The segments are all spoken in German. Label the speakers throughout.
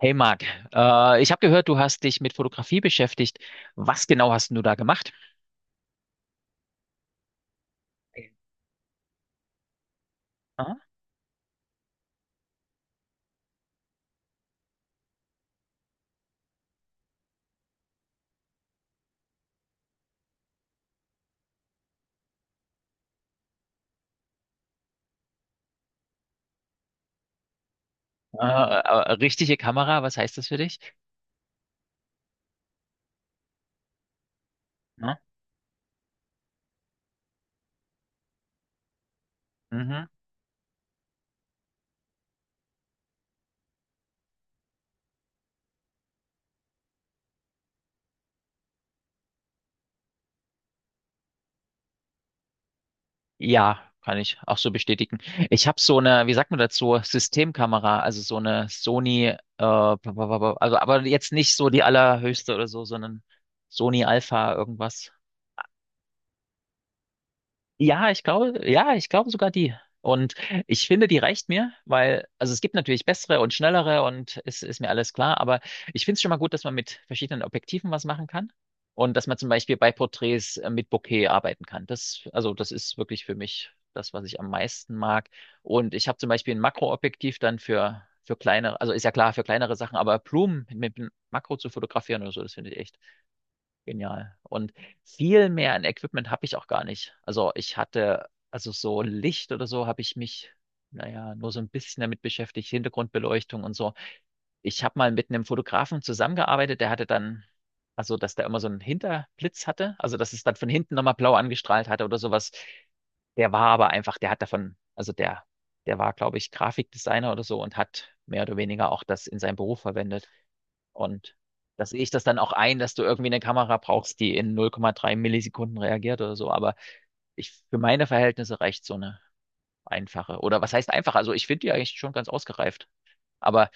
Speaker 1: Hey Marc, ich habe gehört, du hast dich mit Fotografie beschäftigt. Was genau hast denn du da gemacht? Ah. Richtige Kamera, was heißt das für dich? Ja, mhm. Ja, kann ich auch so bestätigen. Ich habe so eine, wie sagt man dazu, Systemkamera, also so eine Sony, bla, bla, bla, bla, also aber jetzt nicht so die allerhöchste oder so, sondern Sony Alpha irgendwas. Ja, ich glaube sogar die. Und ich finde, die reicht mir, weil, also es gibt natürlich bessere und schnellere und es ist mir alles klar, aber ich finde es schon mal gut, dass man mit verschiedenen Objektiven was machen kann und dass man zum Beispiel bei Porträts mit Bokeh arbeiten kann. Das, also das ist wirklich für mich das, was ich am meisten mag. Und ich habe zum Beispiel ein Makroobjektiv dann für kleinere, also ist ja klar, für kleinere Sachen, aber Blumen mit einem Makro zu fotografieren oder so, das finde ich echt genial. Und viel mehr an Equipment habe ich auch gar nicht. Also ich hatte, also so Licht oder so habe ich mich, naja, nur so ein bisschen damit beschäftigt, Hintergrundbeleuchtung und so. Ich habe mal mit einem Fotografen zusammengearbeitet, der hatte dann, also dass der immer so einen Hinterblitz hatte, also dass es dann von hinten nochmal blau angestrahlt hatte oder sowas. Der war aber einfach, der hat davon, also der, der war, glaube ich, Grafikdesigner oder so und hat mehr oder weniger auch das in seinem Beruf verwendet. Und da sehe ich das dann auch ein, dass du irgendwie eine Kamera brauchst, die in 0,3 Millisekunden reagiert oder so. Aber ich, für meine Verhältnisse reicht so eine einfache. Oder was heißt einfach? Also ich finde die eigentlich schon ganz ausgereift. Aber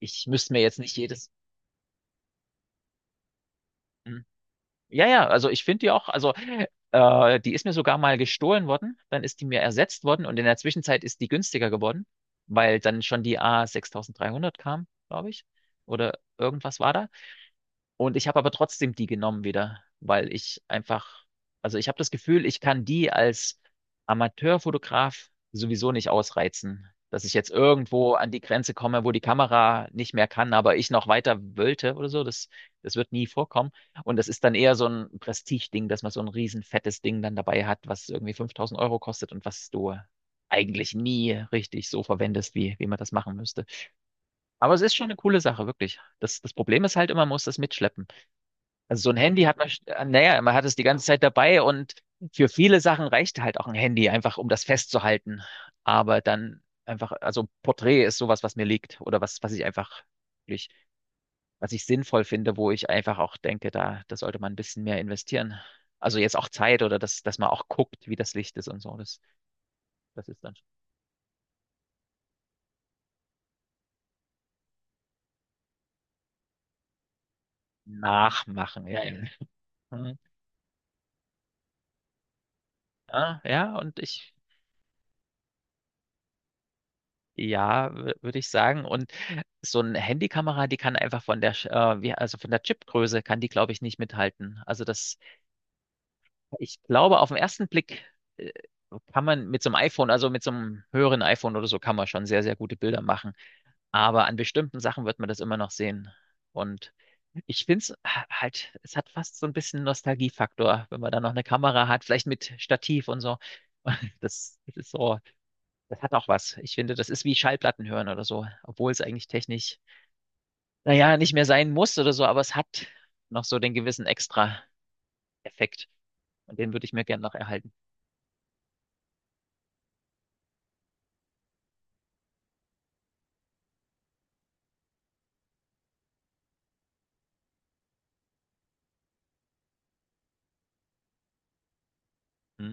Speaker 1: ich müsste mir jetzt nicht jedes. Hm. Ja, ja, also ich finde die auch, also die ist mir sogar mal gestohlen worden, dann ist die mir ersetzt worden und in der Zwischenzeit ist die günstiger geworden, weil dann schon die A6300 kam, glaube ich. Oder irgendwas war da. Und ich habe aber trotzdem die genommen wieder, weil ich einfach, also ich habe das Gefühl, ich kann die als Amateurfotograf sowieso nicht ausreizen, dass ich jetzt irgendwo an die Grenze komme, wo die Kamera nicht mehr kann, aber ich noch weiter wollte oder so. Das, das wird nie vorkommen. Und das ist dann eher so ein Prestigeding, dass man so ein riesen fettes Ding dann dabei hat, was irgendwie 5000 Euro kostet und was du eigentlich nie richtig so verwendest, wie, wie man das machen müsste. Aber es ist schon eine coole Sache, wirklich. Das, das Problem ist halt immer, man muss das mitschleppen. Also so ein Handy hat man, naja, man hat es die ganze Zeit dabei und für viele Sachen reicht halt auch ein Handy, einfach um das festzuhalten. Aber dann einfach, also Porträt ist sowas, was mir liegt oder was, was ich einfach wirklich, was ich sinnvoll finde, wo ich einfach auch denke, da, da sollte man ein bisschen mehr investieren. Also jetzt auch Zeit oder dass, dass man auch guckt, wie das Licht ist und so. Das, das ist dann nachmachen, ja. Ja, ja. Hm. Ja, ja, und ich. Ja, würde ich sagen. Und so eine Handykamera, die kann einfach von der, wie, also von der Chipgröße kann die, glaube ich, nicht mithalten. Also das, ich glaube, auf den ersten Blick äh, kann man mit so einem iPhone, also mit so einem höheren iPhone oder so, kann man schon sehr, sehr gute Bilder machen. Aber an bestimmten Sachen wird man das immer noch sehen. Und ich finde es halt, es hat fast so ein bisschen Nostalgiefaktor, wenn man da noch eine Kamera hat, vielleicht mit Stativ und so. Das, das ist so, das hat auch was. Ich finde, das ist wie Schallplatten hören oder so, obwohl es eigentlich technisch, naja, nicht mehr sein muss oder so, aber es hat noch so den gewissen Extra-Effekt. Und den würde ich mir gerne noch erhalten. Hm?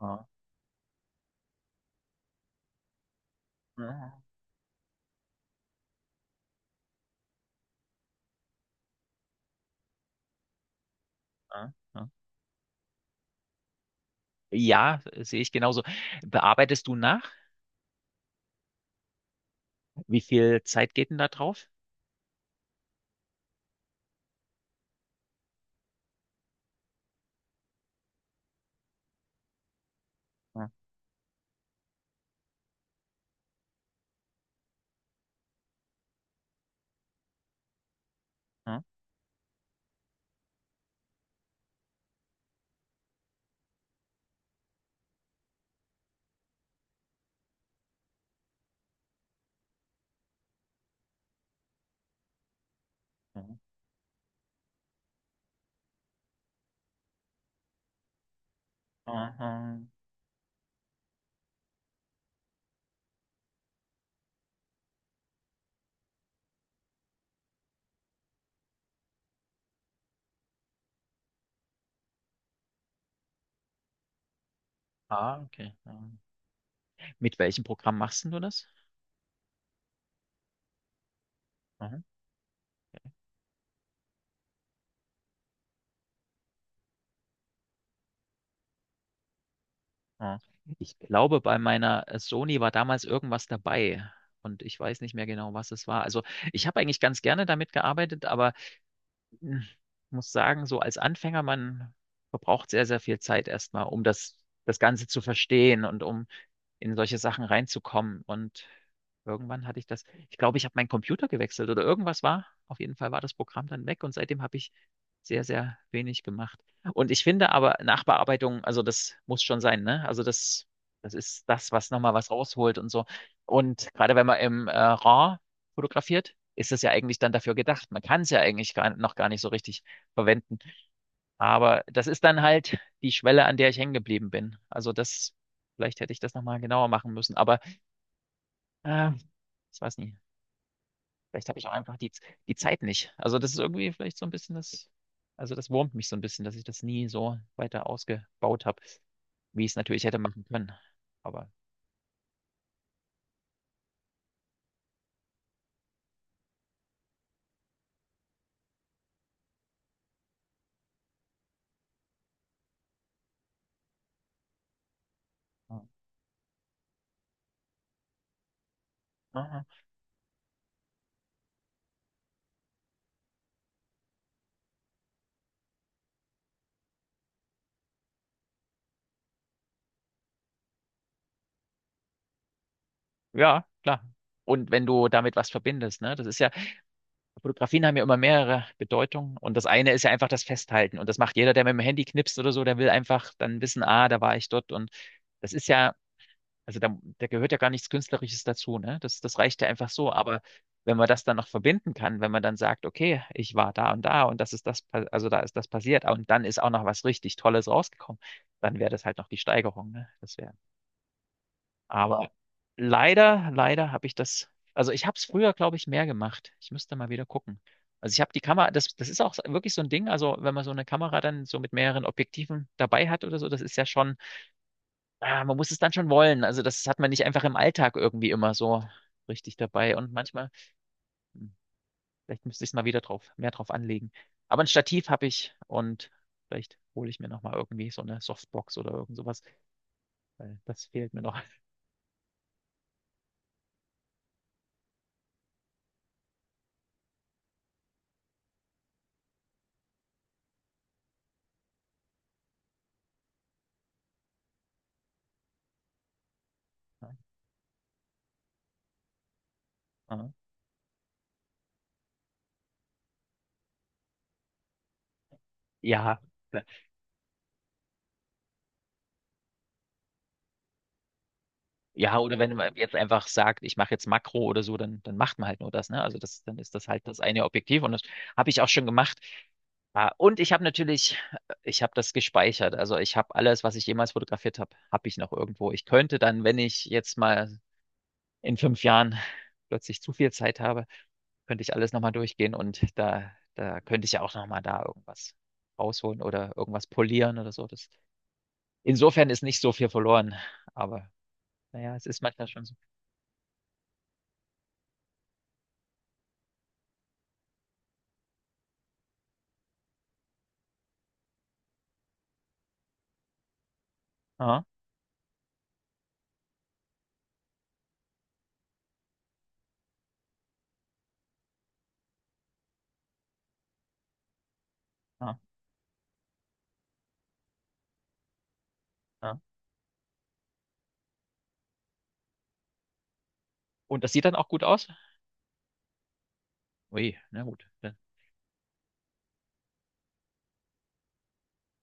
Speaker 1: Ja, ja, ja, ja. Ja, sehe ich genauso. Bearbeitest du nach? Wie viel Zeit geht denn da drauf? Ja, ja, ja. Aha. Ah, okay, ja. Mit welchem Programm machst denn du das? Ja. Ich glaube, bei meiner Sony war damals irgendwas dabei und ich weiß nicht mehr genau, was es war. Also ich habe eigentlich ganz gerne damit gearbeitet, aber hm, muss sagen, so als Anfänger, man verbraucht sehr, sehr viel Zeit erstmal, um das, das Ganze zu verstehen und um in solche Sachen reinzukommen. Und irgendwann hatte ich das, ich glaube, ich habe meinen Computer gewechselt oder irgendwas war. Auf jeden Fall war das Programm dann weg und seitdem habe ich sehr, sehr wenig gemacht. Und ich finde aber Nachbearbeitung, also das muss schon sein, ne? Also das, das ist das, was nochmal was rausholt und so. Und gerade wenn man im RAW fotografiert, ist es ja eigentlich dann dafür gedacht. Man kann es ja eigentlich gar, noch gar nicht so richtig verwenden. Aber das ist dann halt die Schwelle, an der ich hängen geblieben bin. Also das, vielleicht hätte ich das nochmal genauer machen müssen. Aber äh, ich weiß nicht, vielleicht habe ich auch einfach die, die Zeit nicht. Also das ist irgendwie vielleicht so ein bisschen das, also das wurmt mich so ein bisschen, dass ich das nie so weiter ausgebaut habe, wie ich es natürlich hätte machen können. Aber äh, ja, klar. Und wenn du damit was verbindest, ne, das ist ja, Fotografien haben ja immer mehrere Bedeutungen und das eine ist ja einfach das Festhalten und das macht jeder, der mit dem Handy knipst oder so, der will einfach dann wissen, ah, da war ich dort und das ist ja, also da, da gehört ja gar nichts Künstlerisches dazu, ne? Das, das reicht ja einfach so, aber wenn man das dann noch verbinden kann, wenn man dann sagt, okay, ich war da und da und das ist das, also da ist das passiert und dann ist auch noch was richtig Tolles rausgekommen, dann wäre das halt noch die Steigerung, ne? Das wäre aber leider, leider habe ich das, also ich habe es früher, glaube ich, mehr gemacht. Ich müsste mal wieder gucken. Also ich habe die Kamera, das, das ist auch so, wirklich so ein Ding. Also wenn man so eine Kamera dann so mit mehreren Objektiven dabei hat oder so, das ist ja schon, ah, man muss es dann schon wollen. Also das hat man nicht einfach im Alltag irgendwie immer so richtig dabei. Und manchmal, hm, vielleicht müsste ich es mal wieder drauf, mehr drauf anlegen. Aber ein Stativ habe ich und vielleicht hole ich mir nochmal irgendwie so eine Softbox oder irgend sowas, weil das fehlt mir noch. Ja. Ja, oder wenn man jetzt einfach sagt, ich mache jetzt Makro oder so, dann, dann macht man halt nur das, ne? Also das, dann ist das halt das eine Objektiv und das habe ich auch schon gemacht. Ah, und ich habe natürlich, ich habe das gespeichert. Also ich habe alles, was ich jemals fotografiert habe, habe ich noch irgendwo. Ich könnte dann, wenn ich jetzt mal in 5 Jahren plötzlich zu viel Zeit habe, könnte ich alles nochmal durchgehen und da, da könnte ich ja auch nochmal da irgendwas rausholen oder irgendwas polieren oder so. Das, insofern ist nicht so viel verloren, aber naja, es ist manchmal schon so. Ja. Ja, ja. Und das sieht dann auch gut aus? Ui, na gut. Da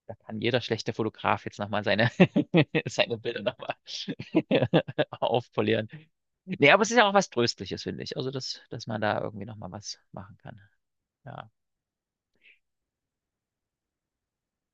Speaker 1: da kann jeder schlechte Fotograf jetzt nochmal seine, seine Bilder nochmal aufpolieren. Nee, aber es ist ja auch was Tröstliches, finde ich. Also, dass, dass man da irgendwie nochmal was machen kann. Ja.